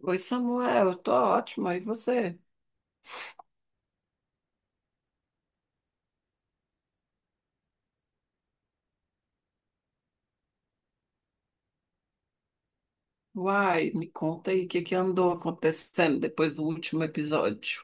Oi, Samuel, eu tô ótima. E você? Uai, me conta aí o que que andou acontecendo depois do último episódio.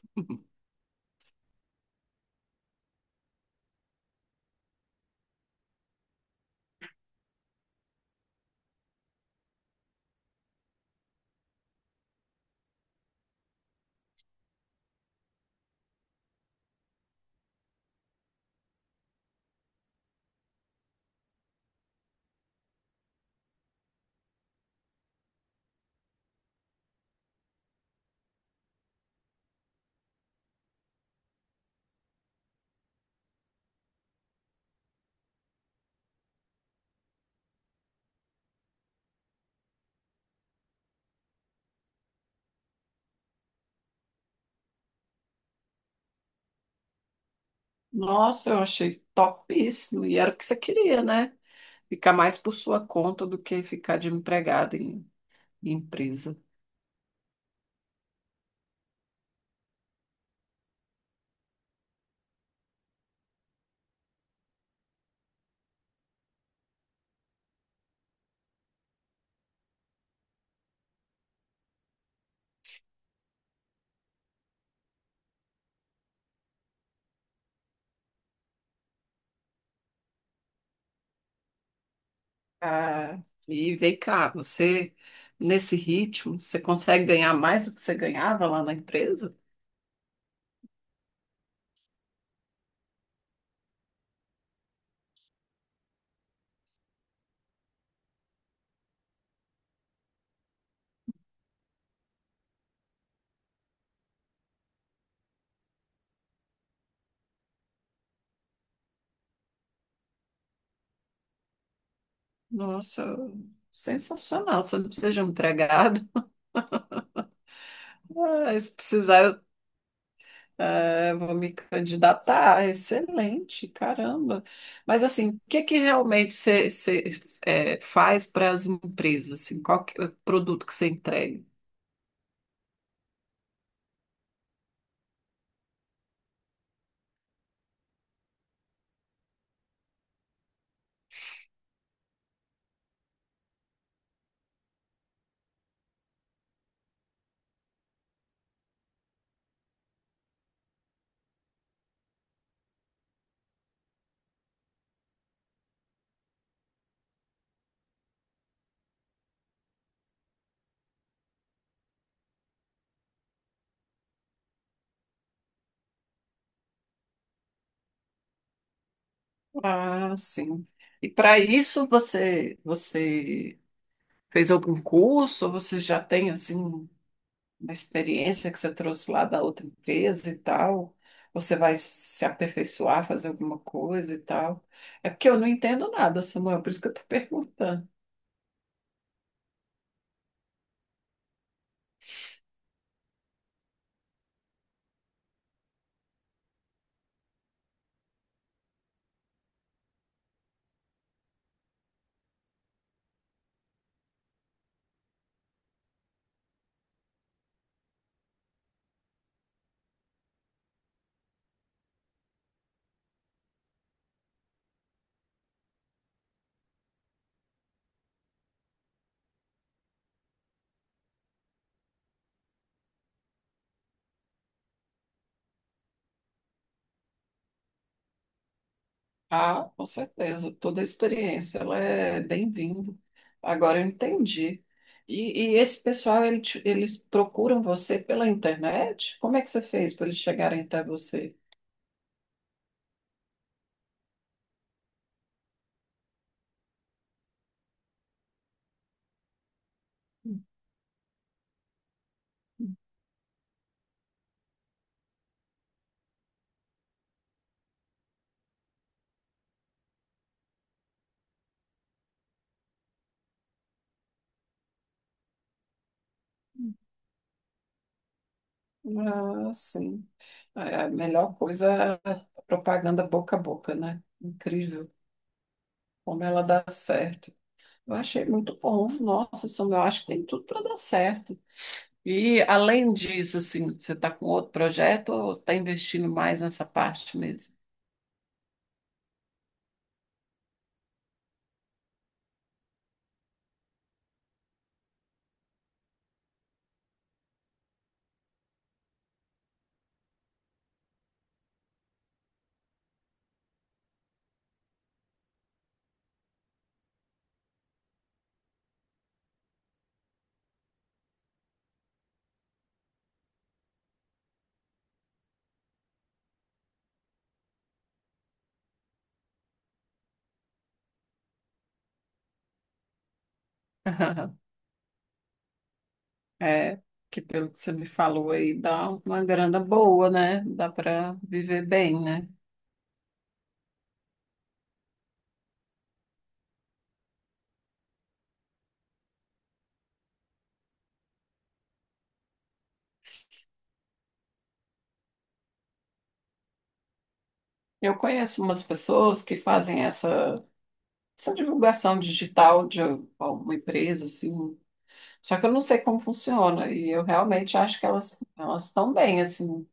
Nossa, eu achei topíssimo. E era o que você queria, né? Ficar mais por sua conta do que ficar de empregado em empresa. Ah, e vem cá, você, nesse ritmo, você consegue ganhar mais do que você ganhava lá na empresa? Nossa, sensacional. Você não precisa de um empregado. Ah, se precisar, é, vou me candidatar, excelente, caramba. Mas assim, o que que realmente você, é, faz para as empresas? Assim, qual que é o produto que você entrega? Ah, sim. E para isso você fez algum curso? Ou você já tem assim uma experiência que você trouxe lá da outra empresa e tal? Você vai se aperfeiçoar, fazer alguma coisa e tal? É porque eu não entendo nada, Samuel, por isso que eu estou perguntando. Ah, com certeza, toda a experiência, ela é bem-vinda. Agora eu entendi. E esse pessoal, eles procuram você pela internet? Como é que você fez para eles chegarem até você? Ah, sim. É, a melhor coisa é a propaganda boca a boca, né? Incrível como ela dá certo. Eu achei muito bom. Nossa, Samuel, eu acho que tem tudo para dar certo. E além disso, assim, você está com outro projeto ou está investindo mais nessa parte mesmo? É, que pelo que você me falou aí, dá uma grana boa, né? Dá para viver bem, né? Eu conheço umas pessoas que fazem essa divulgação digital de alguma empresa, assim, só que eu não sei como funciona, e eu realmente acho que elas estão bem, assim,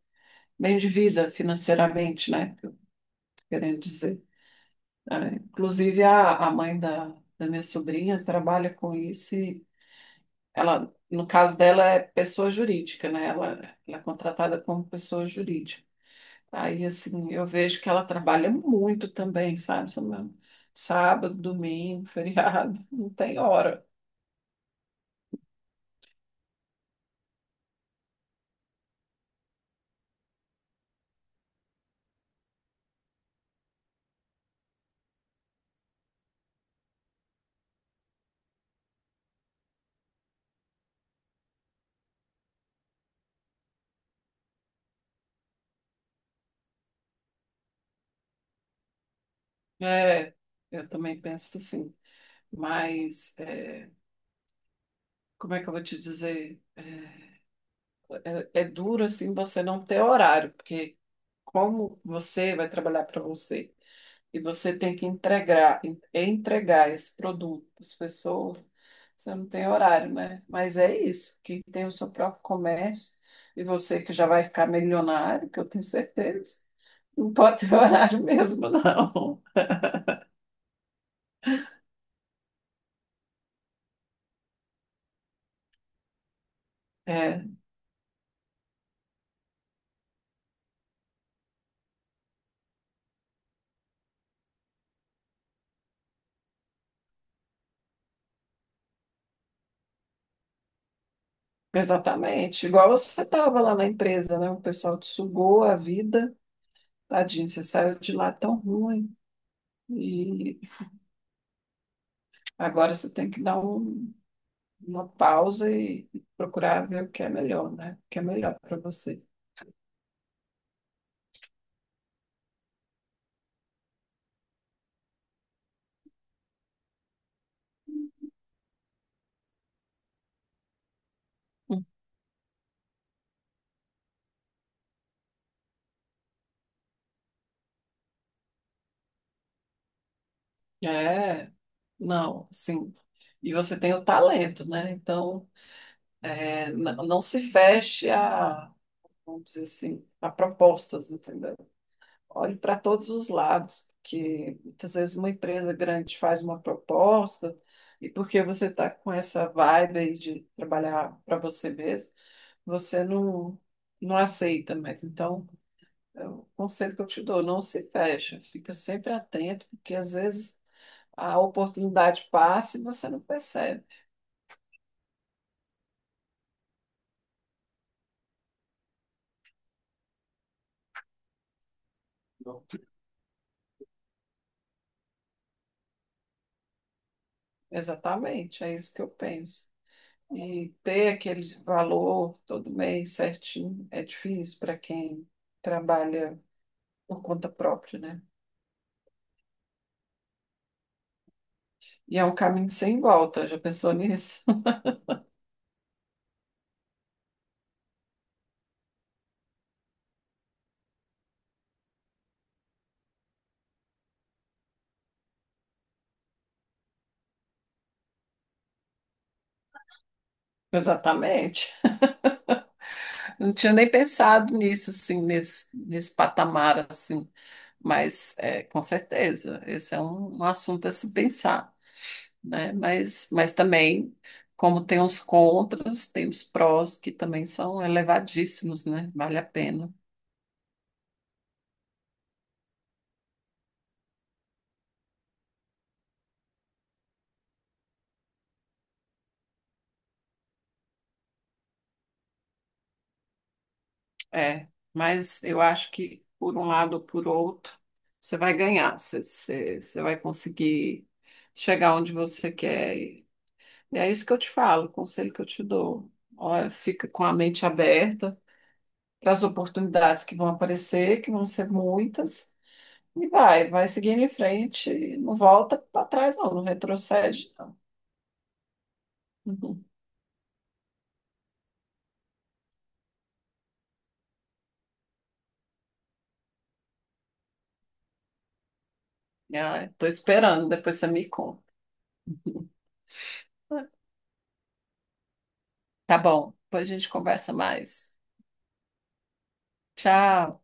bem de vida financeiramente, né? Que eu tô querendo dizer. É, inclusive, a mãe da minha sobrinha trabalha com isso e ela, no caso dela, é pessoa jurídica, né? Ela é contratada como pessoa jurídica. Aí, assim, eu vejo que ela trabalha muito também, sabe? Samuel? Sábado, domingo, feriado, não tem hora. É, eu também penso assim. Mas, é, como é que eu vou te dizer? É duro, assim, você não ter horário, porque como você vai trabalhar para você? E você tem que entregar, entregar esse produto para as pessoas, você não tem horário, né? Mas é isso, quem tem o seu próprio comércio e você que já vai ficar milionário, que eu tenho certeza, não pode ter horário mesmo, não. É, exatamente. Igual você estava lá na empresa, né? O pessoal te sugou a vida, tadinho, você saiu de lá tão ruim. E agora você tem que dar uma pausa e procurar ver o que é melhor, né? O que é melhor para você. É, não, sim. E você tem o talento, né? Então, é, não se feche a, vamos dizer assim, a propostas, entendeu? Olhe para todos os lados, porque muitas vezes uma empresa grande faz uma proposta e porque você está com essa vibe aí de trabalhar para você mesmo, você não, não aceita mais. Então, é o conselho que eu te dou, não se fecha, fica sempre atento, porque às vezes a oportunidade passa e você não percebe. Exatamente, é isso que eu penso. E ter aquele valor todo mês certinho é difícil para quem trabalha por conta própria, né? E é um caminho sem volta, já pensou nisso? Exatamente. Não tinha nem pensado nisso, assim, nesse patamar, assim. Mas, é, com certeza, esse é um assunto a se pensar, né? Mas também, como tem os contras, tem os prós que também são elevadíssimos, né? Vale a pena. É, mas eu acho que, por um lado ou por outro, você vai ganhar, você vai conseguir chegar onde você quer. E é isso que eu te falo, o conselho que eu te dou. Olha, fica com a mente aberta para as oportunidades que vão aparecer, que vão ser muitas, e vai seguindo em frente, e não volta para trás, não, não retrocede, não. Uhum. Estou esperando, depois você me conta. Tá bom, depois a gente conversa mais. Tchau.